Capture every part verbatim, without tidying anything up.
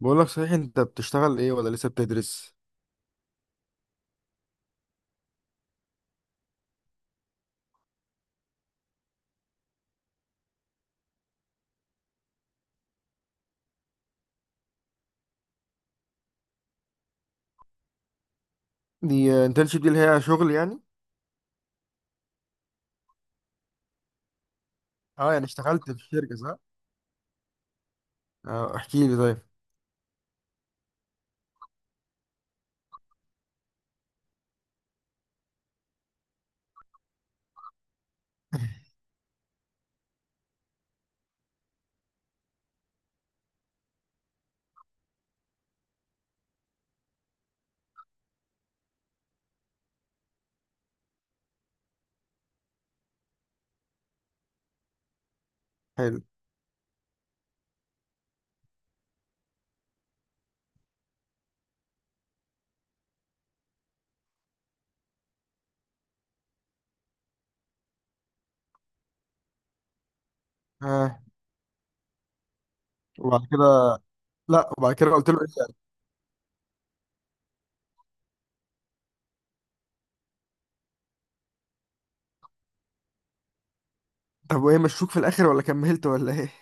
بقول لك صحيح، انت بتشتغل ايه ولا لسه بتدرس؟ دي انترنشيب دي اللي هي شغل يعني؟ اه، يعني اشتغلت في شركة، صح. اه، احكي لي طيب. حلو. اه، وبعد كده؟ لا، وبعد كده قلت له ايه يعني؟ طب وايه مشوك في الاخر، ولا كملت ولا ايه؟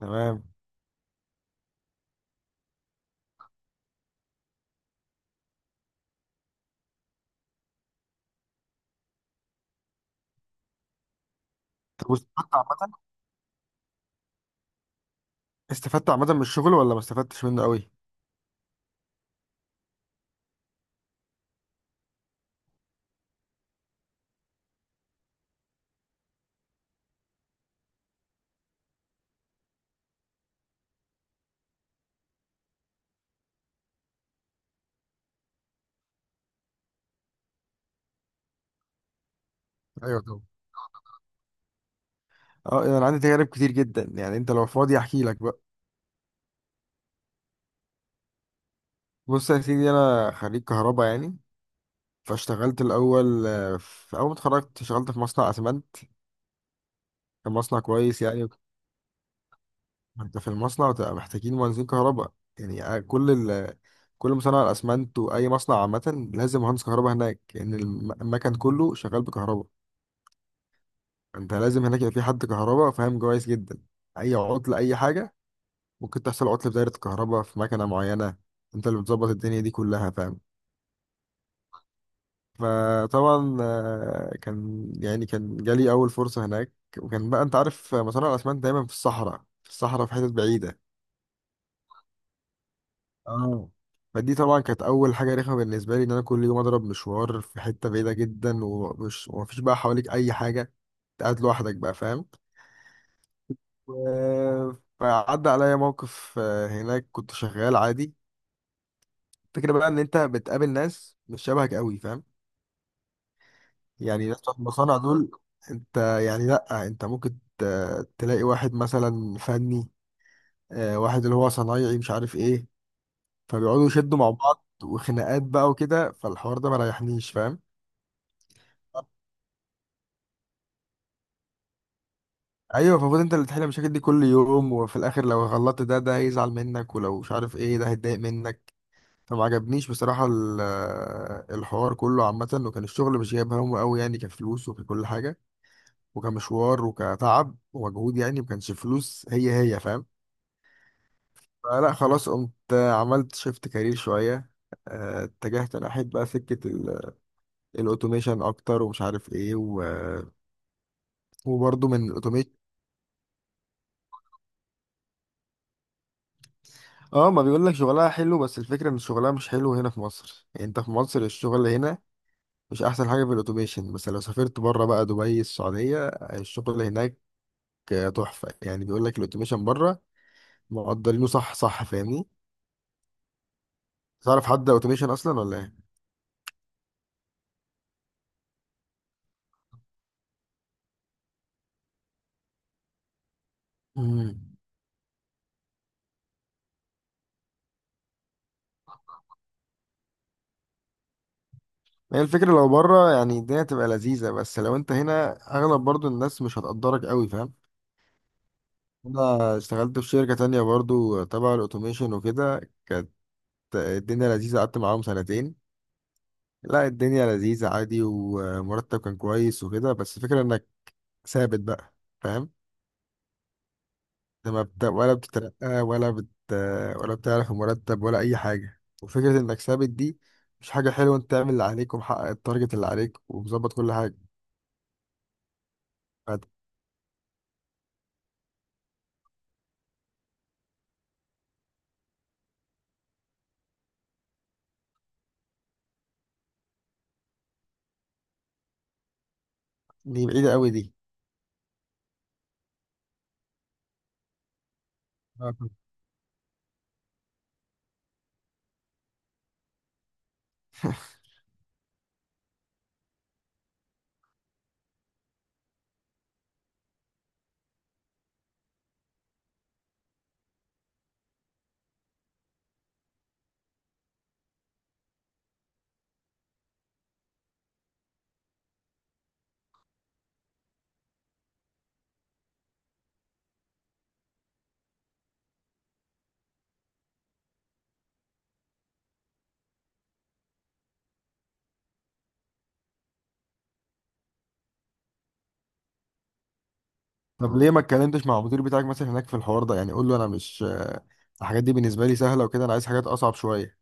تمام. طب واستفدت عامة؟ استفدت عامة من الشغل ولا ما استفدتش منه قوي؟ ايوه طبعا. اه، يعني انا عندي تجارب كتير جدا، يعني انت لو فاضي احكي لك بقى. بص يا سيدي، انا خريج كهرباء يعني، فاشتغلت الاول، آه، في اول ما اتخرجت اشتغلت في مصنع اسمنت. كان مصنع كويس يعني. انت في المصنع بتبقى محتاجين مهندسين كهرباء. يعني كل ال... كل مصنع الاسمنت واي مصنع عامه لازم مهندس كهرباء هناك، لان الم- المكن كله شغال بكهرباء. انت لازم هناك يبقى في حد كهرباء فاهم كويس جدا، اي عطل اي حاجه. ممكن تحصل عطل في دايره الكهرباء في مكنه معينه، انت اللي بتظبط الدنيا دي كلها فاهم. فطبعا آه، كان يعني كان جالي اول فرصه هناك. وكان بقى انت عارف مصانع الاسمنت دايما في الصحراء، في الصحراء في حتت بعيده. اه، فدي طبعا كانت اول حاجه رخمه بالنسبه لي، ان انا كل يوم اضرب مشوار في حته بعيده جدا، ومش ومفيش بقى حواليك اي حاجه، انت قاعد لوحدك بقى فاهم. و- فعدى عليا موقف، آه، هناك كنت شغال عادي. الفكره بقى ان انت بتقابل ناس مش شبهك قوي فاهم. يعني ناس بتوع المصانع دول، انت يعني. لا، انت ممكن ت- تلاقي واحد مثلا فني، آه، واحد اللي هو صنايعي مش عارف ايه، فبيقعدوا يشدوا مع بعض وخناقات بقى وكده، فالحوار ده ما ريحنيش فاهم. ايوه، المفروض انت اللي تحل المشاكل دي كل يوم، وفي الاخر لو غلطت ده ده هيزعل منك، ولو مش عارف ايه ده هيتضايق منك. فما عجبنيش بصراحه ال- آه، الحوار كله عامه، وكان الشغل مش جايب همه قوي يعني، كفلوس وككل حاجه وكمشوار وكتعب ومجهود، يعني ما كانش فلوس هي هي فاهم. فلا خلاص، قمت عملت شيفت كارير شويه. آه، اتجهت انا احب بقى سكه ال- الاوتوميشن اكتر، ومش عارف ايه و- آه، وبرضه من الاوتوميشن. اه، ما بيقول لك شغلها حلو، بس الفكره ان شغلها مش حلو هنا في مصر. يعني انت في مصر الشغل هنا مش احسن حاجه في الاوتوميشن، بس لو سافرت بره بقى، دبي، السعوديه، الشغل هناك تحفه. يعني بيقول لك الاوتوميشن بره مقدرينه، صح، صح، فاهمني. تعرف حد اوتوميشن اصلا ولا ايه؟ امم. هي الفكره لو بره يعني الدنيا تبقى لذيذه، بس لو انت هنا اغلب برضو الناس مش هتقدرك قوي فاهم. انا اشتغلت في شركه تانية برضو تبع الاوتوميشن وكده، كانت الدنيا لذيذه، قعدت معاهم سنتين. لا، الدنيا لذيذة عادي، ومرتب كان كويس وكده، بس الفكرة انك ثابت بقى فاهم. انت ما بت... ولا بتترقى ولا بت... ولا بتعرف المرتب ولا اي حاجة. وفكرة انك ثابت دي مش حاجة حلوة. انت تعمل اللي عليك، ومحقق التارجت اللي عليك، ومظبط كل حاجة. فت- دي بعيدة قوي دي. آه، طب طب ليه ما اتكلمتش مع المدير بتاعك مثلا هناك في الحوار ده؟ يعني قول له انا مش، آه، الحاجات دي بالنسبة لي سهلة وكده، انا عايز حاجات اصعب شوية.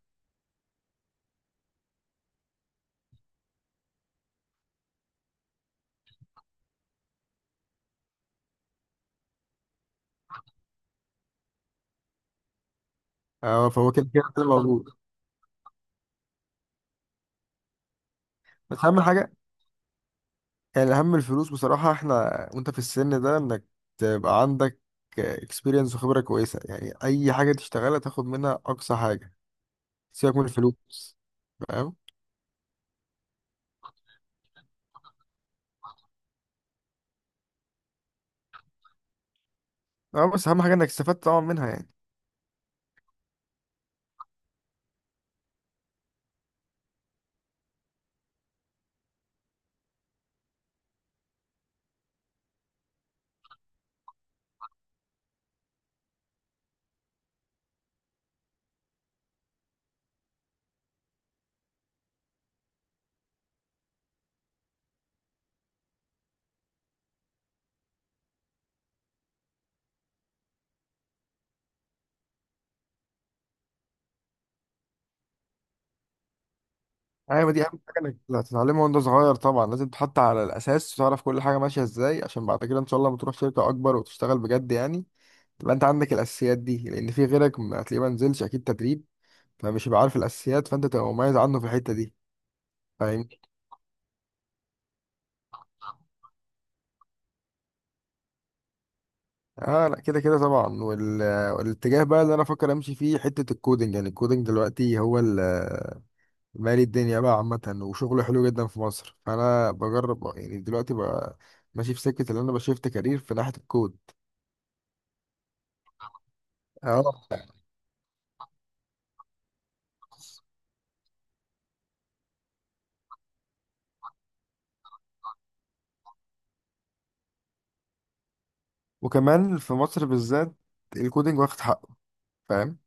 اه، فهو كده كده موجود. بس اهم حاجة، يعني الأهم الفلوس بصراحة. احنا وانت في السن ده انك تبقى عندك اكسبيرينس وخبرة كويسة، يعني أي حاجة تشتغلها تاخد منها أقصى حاجة. سيبك من الفلوس، فاهم؟ اه، بس أهم حاجة انك استفدت طبعا منها يعني. أيوة، دي أهم حاجة انك هتتعلمها وانت صغير. طبعا لازم تحط على الأساس وتعرف كل حاجة ماشية ازاي، عشان بعد كده إن شاء الله لما تروح شركة أكبر وتشتغل بجد يعني، تبقى انت عندك الأساسيات دي، لأن في غيرك ما هتلاقيه ما نزلش أكيد تدريب، فمش هيبقى عارف الأساسيات، فانت تبقى مميز عنه في الحتة دي، فاهمني؟ اه لا، كده كده طبعا. وال... والاتجاه بقى اللي انا افكر امشي فيه حته الكودنج. يعني الكودنج دلوقتي هو ال- مالي الدنيا بقى عامه، وشغله حلو جدا في مصر، فانا بجرب يعني دلوقتي بقى ماشي في سكه اللي انا بشفت كارير في ناحيه الكود. اه، وكمان في مصر بالذات الكودنج واخد حقه فاهم.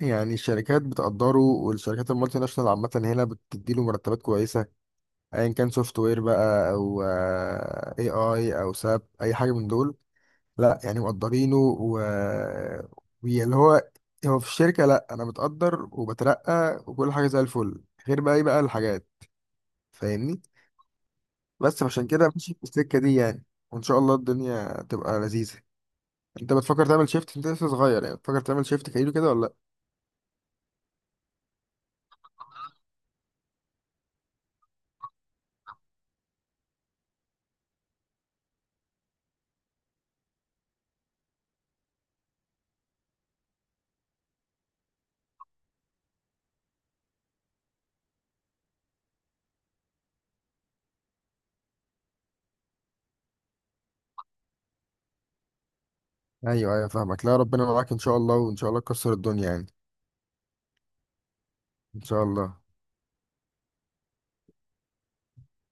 يعني الشركات بتقدره، والشركات المالتي ناشونال عامة هنا بتديله مرتبات كويسة، أيا كان سوفت وير بقى، أو اي اي، أو ساب، أي حاجة من دول. لا يعني مقدرينه و... واللي هو، هو في الشركة لا أنا متقدر وبترقى وكل حاجة زي الفل، غير بقى إيه بقى الحاجات، فاهمني. بس عشان كده ماشي في السكة دي يعني، وإن شاء الله الدنيا تبقى لذيذة. أنت بتفكر تعمل شيفت؟ أنت لسه صغير يعني، بتفكر تعمل شيفت كارير كده ولا لأ؟ أيوه، أيوه، فاهمك. لا، ربنا معاك إن شاء الله، وإن شاء الله تكسر الدنيا يعني. إن شاء الله.